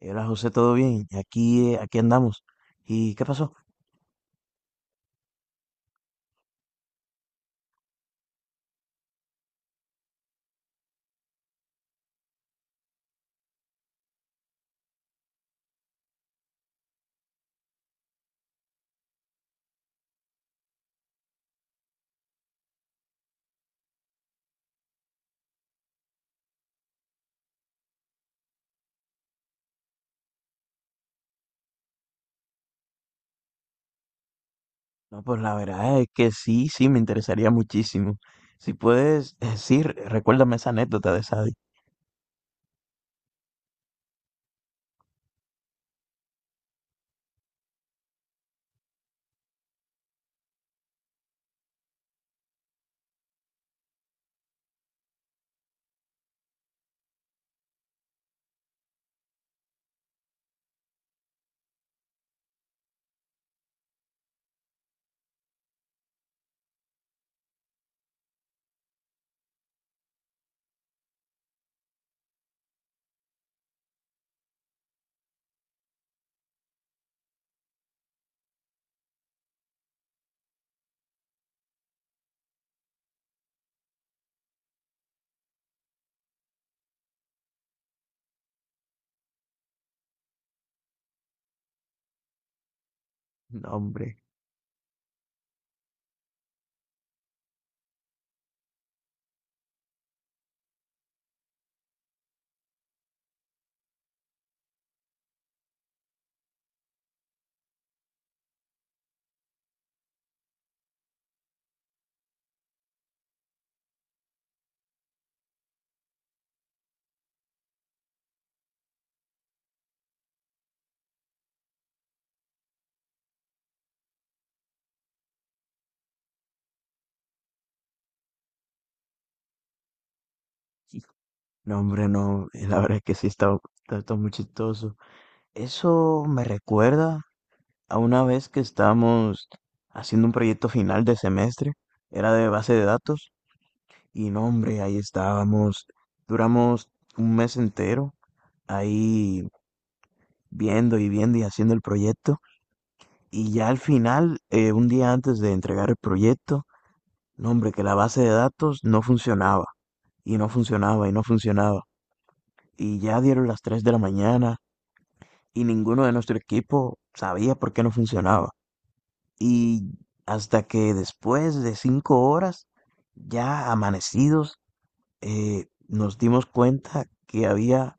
Hola José, ¿todo bien? Aquí, aquí andamos. ¿Y qué pasó? No, pues la verdad es que sí, me interesaría muchísimo. Si puedes decir, recuérdame esa anécdota de Sadie. No, hombre, no, hombre, no, la verdad es que sí, está muy chistoso. Eso me recuerda a una vez que estábamos haciendo un proyecto final de semestre, era de base de datos, y no, hombre, ahí estábamos, duramos un mes entero ahí viendo y viendo y haciendo el proyecto. Y ya al final, un día antes de entregar el proyecto, no, hombre, que la base de datos no funcionaba, y no funcionaba, y no funcionaba. Y ya dieron las 3 de la mañana, y ninguno de nuestro equipo sabía por qué no funcionaba. Y hasta que después de 5 horas, ya amanecidos, nos dimos cuenta que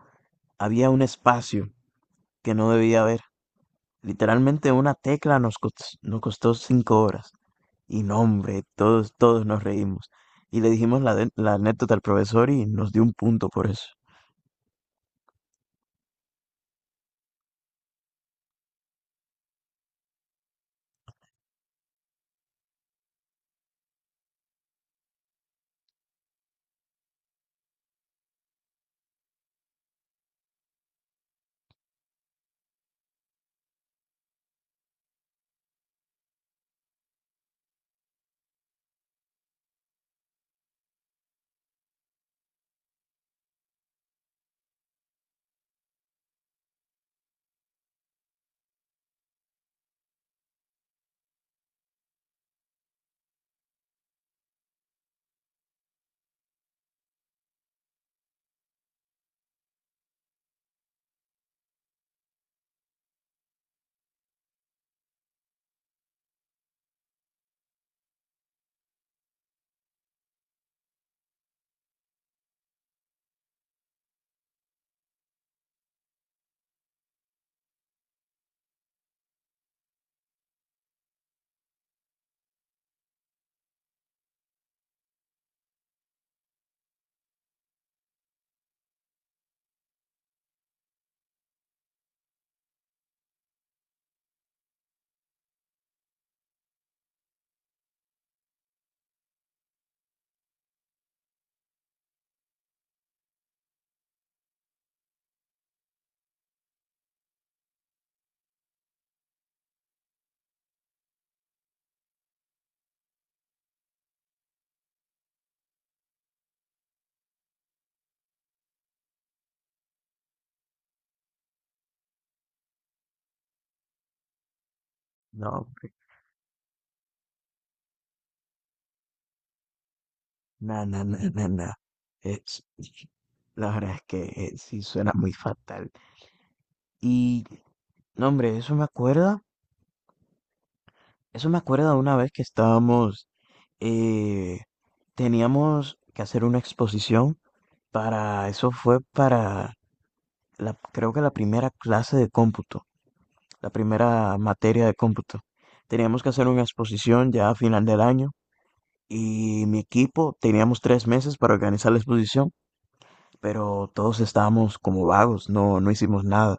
había un espacio que no debía haber. Literalmente una tecla nos costó 5 horas. Y no, hombre, todos nos reímos. Y le dijimos la anécdota al profesor y nos dio un punto por eso. No, hombre, na, na, na, na, na. Es, la verdad es que sí suena muy fatal. Y, no, hombre, eso me acuerda una vez que estábamos, eh, teníamos que hacer una exposición para, eso fue para, la, creo que la primera clase de cómputo. La primera materia de cómputo. Teníamos que hacer una exposición ya a final del año y mi equipo teníamos 3 meses para organizar la exposición, pero todos estábamos como vagos, no, no hicimos nada.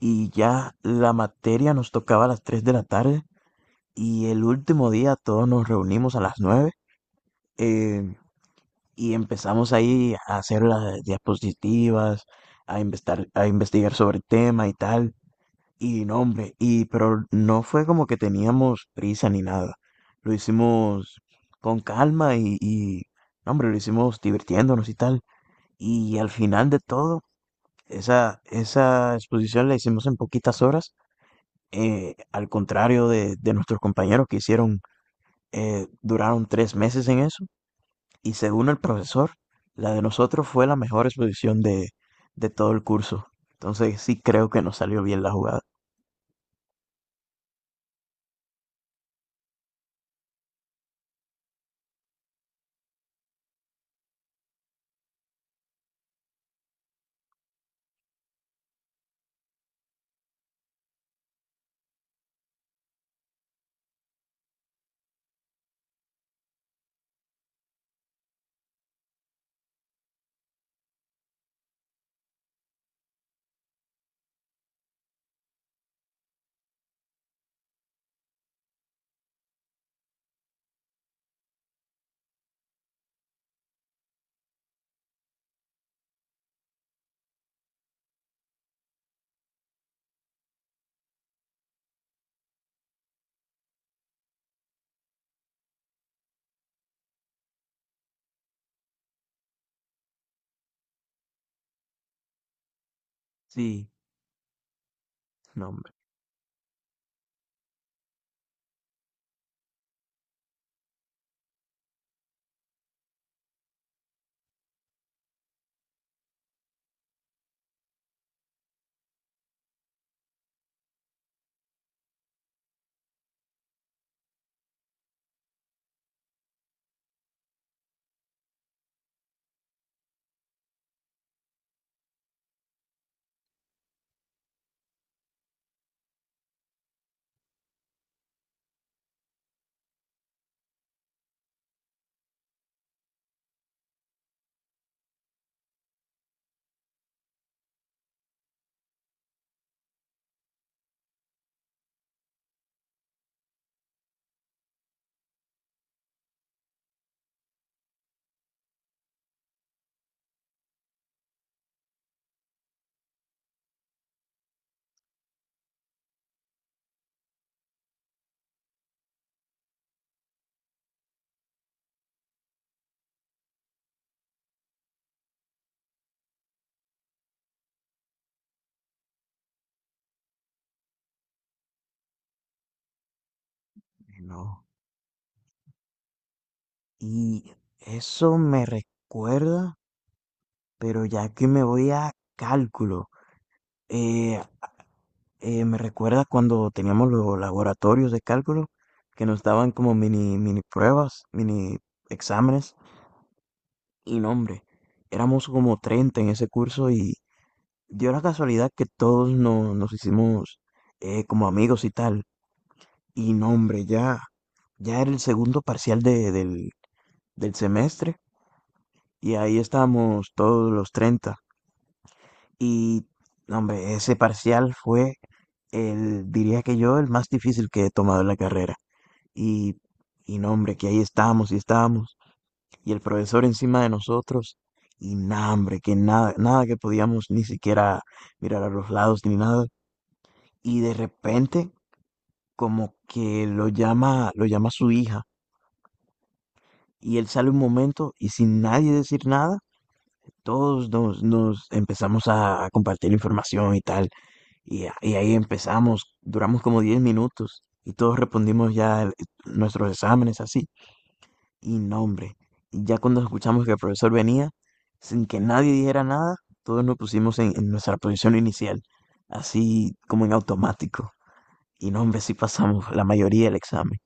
Y ya la materia nos tocaba a las 3 de la tarde y el último día todos nos reunimos a las 9 eh, y empezamos ahí a hacer las diapositivas, a investigar sobre el tema y tal. Y no, hombre, y pero no fue como que teníamos prisa ni nada. Lo hicimos con calma y no, hombre, lo hicimos divirtiéndonos y tal. Y al final de todo, esa exposición la hicimos en poquitas horas, al contrario de nuestros compañeros que hicieron, duraron 3 meses en eso. Y según el profesor, la de nosotros fue la mejor exposición de todo el curso. Entonces sí creo que nos salió bien la jugada. Sí, no, hombre, no. Y eso me recuerda, pero ya que me voy a cálculo, eh, me recuerda cuando teníamos los laboratorios de cálculo que nos daban como mini pruebas, mini exámenes. Y no, hombre, éramos como 30 en ese curso y dio la casualidad que todos no- nos hicimos como amigos y tal. Y no, hombre, ya era el segundo parcial del, del semestre y ahí estábamos todos los 30. Y, no, hombre, ese parcial fue el, diría que yo, el más difícil que he tomado en la carrera. Y, y no, hombre, que ahí estábamos y estábamos. Y el profesor encima de nosotros. Y nada, hombre, que nada, nada que podíamos ni siquiera mirar a los lados ni nada. Y de repente, como que lo llama su hija. Y él sale un momento y sin nadie decir nada, nos empezamos a compartir información y tal. Y ahí empezamos, duramos como 10 minutos y todos respondimos ya nuestros exámenes así. Y no, hombre, y ya cuando escuchamos que el profesor venía, sin que nadie dijera nada, todos nos pusimos en nuestra posición inicial, así como en automático. Y no, hombre, sí pasamos la mayoría del examen.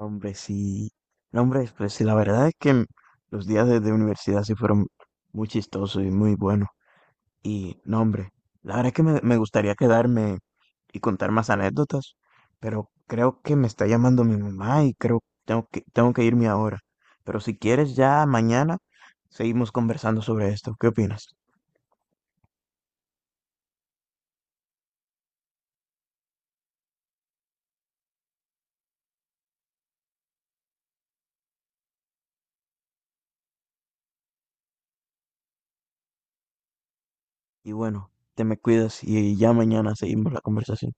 No, hombre, sí. No, hombre, pues sí, la verdad es que los días de universidad sí fueron muy chistosos y muy buenos. Y no, hombre, la verdad es que me gustaría quedarme y contar más anécdotas, pero creo que me está llamando mi mamá y creo tengo que irme ahora. Pero si quieres, ya mañana seguimos conversando sobre esto. ¿Qué opinas? Y bueno, te me cuidas y ya mañana seguimos la conversación.